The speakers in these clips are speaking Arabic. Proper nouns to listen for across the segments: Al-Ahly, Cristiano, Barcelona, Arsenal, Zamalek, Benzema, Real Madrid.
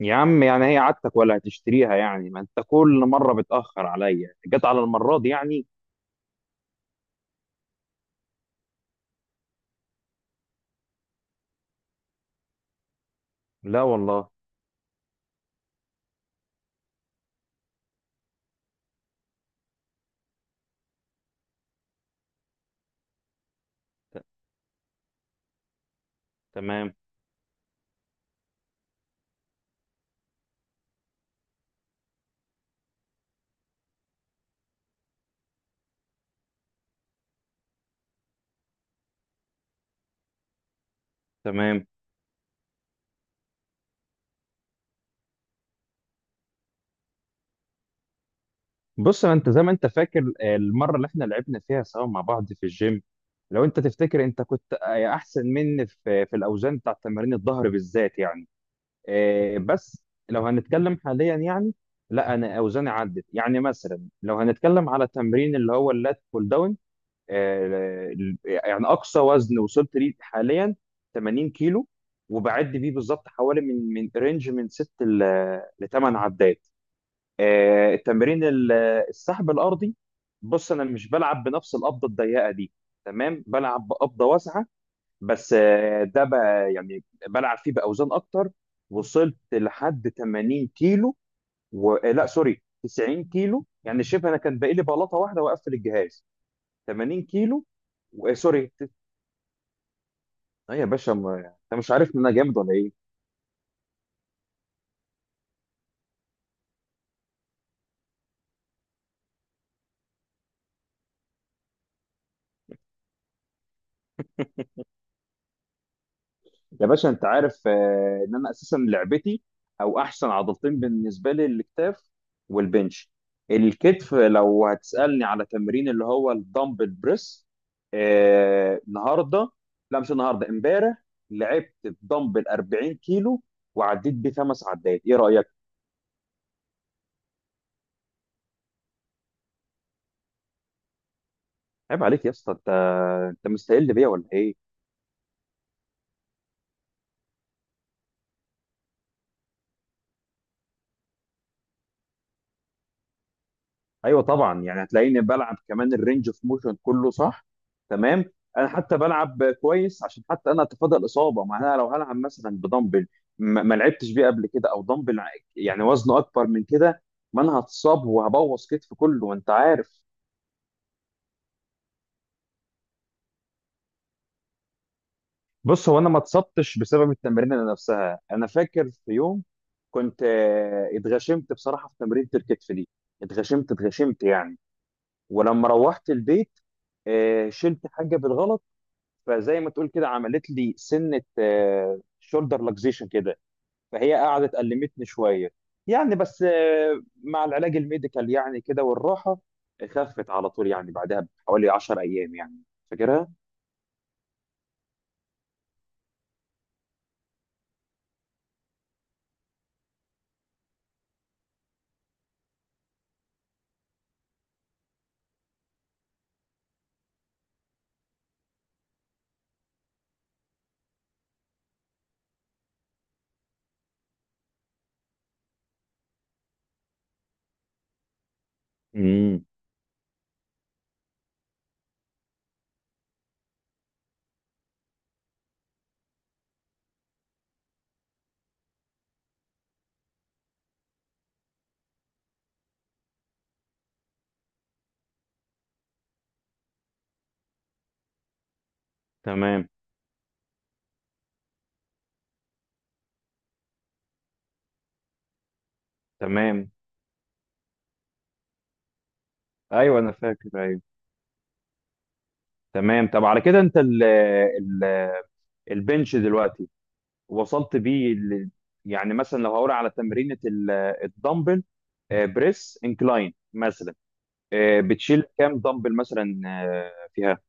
يا عم، يعني هي عادتك ولا هتشتريها؟ يعني ما انت كل مرة بتأخر عليا، جت على المرة دي يعني. لا والله. تمام. تمام. بص، ما انت زي ما انت فاكر المرة اللي احنا لعبنا فيها سوا مع بعض في الجيم. لو انت تفتكر انت كنت احسن مني في الاوزان بتاع تمارين الظهر بالذات يعني. بس لو هنتكلم حاليا يعني. لا، انا اوزاني عدت. يعني مثلا لو هنتكلم على تمرين اللي هو اللات بول داون آه، يعني اقصى وزن وصلت ليه حاليا 80 كيلو، وبعد بيه بالظبط حوالي من رينج من 6 ل 8 عدات. التمرين السحب الارضي. بص، انا مش بلعب بنفس القبضه الضيقه دي. تمام، بلعب بقبضه واسعه. بس ده بقى يعني بلعب فيه باوزان اكتر. وصلت لحد 80 كيلو و... آه، لا، سوري، 90 كيلو. يعني شبه انا كان باقي لي بلاطه واحده واقفل الجهاز. 80 كيلو و... آه، سوري ت- يا باشا، ما... انت مش عارف ان انا جامد ولا ايه؟ يا باشا، انت عارف ان انا اساسا لعبتي، او احسن عضلتين بالنسبه لي، الاكتاف والبنش. الكتف لو هتسالني على تمرين اللي هو الدمبل بريس، النهارده، لا مش النهارده، امبارح، لعبت الدمبل 40 كيلو وعديت بيه خمس عدات. ايه رايك؟ عيب عليك يا اسطى. انت مستقل بيا ولا ايه؟ ايوه طبعا. يعني هتلاقيني بلعب كمان الرينج اوف موشن كله، صح؟ تمام. انا حتى بلعب كويس عشان حتى انا اتفادى الاصابه. معناها لو هلعب مثلا بدمبل ما لعبتش بيه قبل كده، او دمبل يعني وزنه اكبر من كده، ما انا هتصاب وهبوظ كتف كله، وانت عارف. بص، هو انا ما اتصبتش بسبب التمرين نفسها. انا فاكر في يوم كنت اتغشمت بصراحه في تمرينة الكتف دي. اتغشمت اتغشمت يعني. ولما روحت البيت شلت حاجه بالغلط. فزي ما تقول كده عملت لي سنه، شولدر لاكزيشن كده. فهي قعدت ألمتني شويه يعني. بس مع العلاج الميديكال يعني، كده والراحه، خفت على طول. يعني بعدها بحوالي 10 ايام يعني. فاكرها؟ امم. تمام. تمام. ايوه، انا فاكر. ايوه. تمام. طب على كده انت ال البنش دلوقتي وصلت بيه يعني مثلا لو هقول على تمرينة الدمبل بريس انكلاين مثلا، بتشيل كام دمبل مثلا فيها؟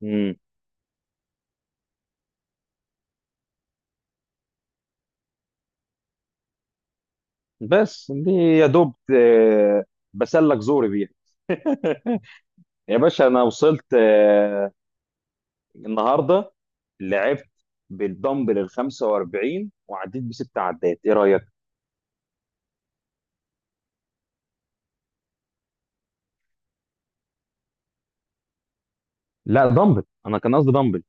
مم. بس دي يا دوب بسلك زوري بيها. يا باشا، انا وصلت. النهارده لعبت بالدمبل ال 45 وعديت بست عدات. ايه رايك؟ لا، دمبل. انا كان قصدي دمبل.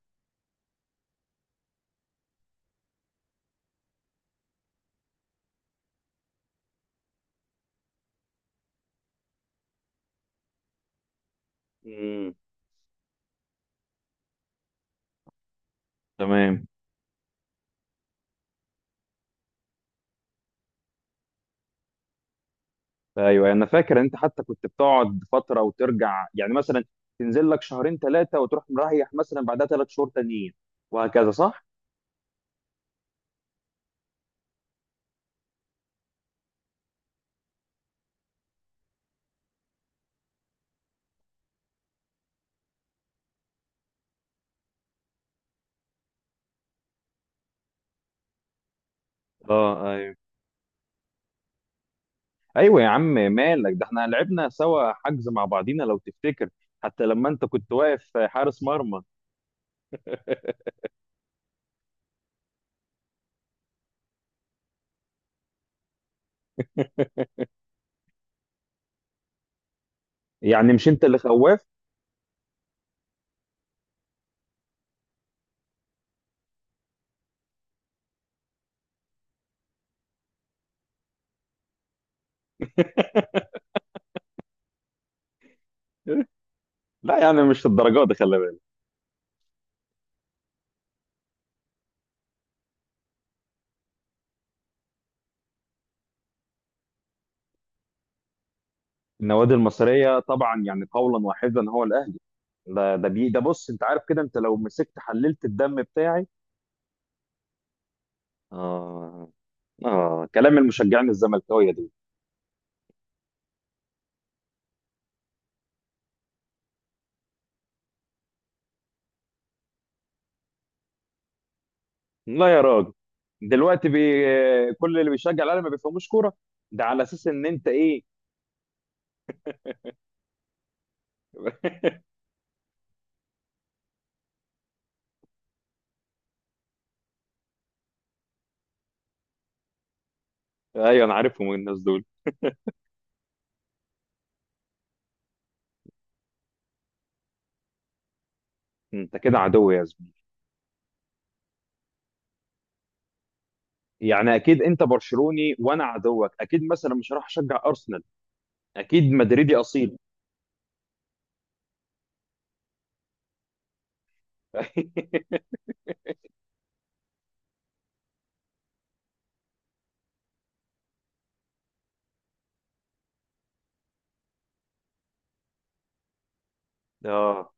امم. تمام. ايوه، انا فاكر ان انت حتى كنت بتقعد فتره وترجع، يعني مثلا تنزل لك شهرين ثلاثه وتروح مريح، مثلا بعدها ثلاث شهور تانيين، وهكذا، صح؟ اه. ايوه يا عم مالك، ده احنا لعبنا سوا حجز مع بعضينا لو تفتكر. حتى لما انت كنت واقف حارس مرمى. يعني مش انت اللي خواف؟ لا، يعني مش الدرجات دي، خلي بالك. النوادي المصريه طبعا، يعني قولا واحدا هو الاهلي. ده بص، انت عارف كده، انت لو مسكت حللت الدم بتاعي. اه. اه. كلام المشجعين الزملكاويه دول. لا يا راجل دلوقتي بي... كل اللي بيشجع الاهلي ما بيفهموش كوره. ده على اساس ان انت ايه؟ ايوه، انا عارفهم الناس دول. انت كده عدو يا زميلي. يعني اكيد انت برشلوني، وانا عدوك اكيد. مثلا مش هروح اشجع ارسنال. اكيد مدريدي اصيل. اه.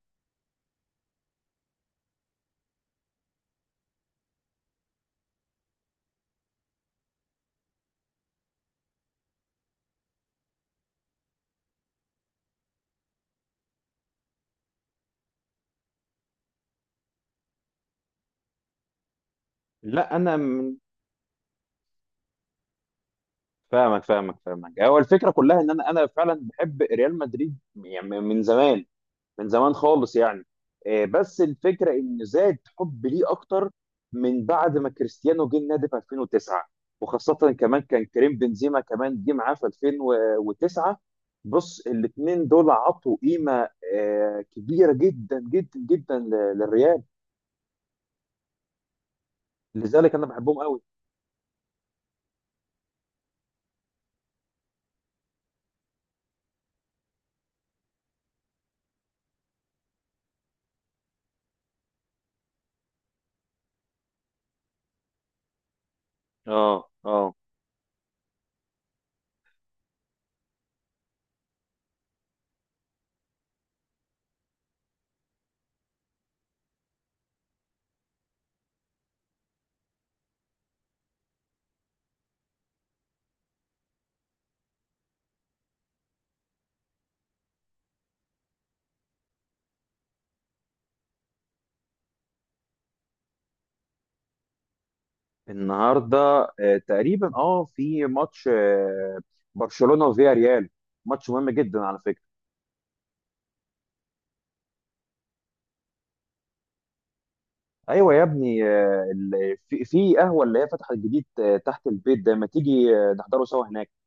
لا، فاهمك فاهمك فاهمك. هو الفكره كلها ان انا فعلا بحب ريال مدريد يعني من زمان. من زمان خالص يعني. بس الفكره ان زاد حب ليه اكتر من بعد ما كريستيانو جه النادي في 2009، وخاصه كمان كان كريم بنزيما كمان جه معاه في 2009. بص، الاثنين دول عطوا قيمه كبيره جدا جدا جدا للريال. لذلك انا بحبهم قوي. اه. اه. النهارده تقريبا، في ماتش برشلونه وفياريال. ماتش مهم جدا على فكره. ايوه يا ابني، في قهوه اللي هي فتحت جديد تحت البيت ده. ما تيجي نحضره سوا هناك؟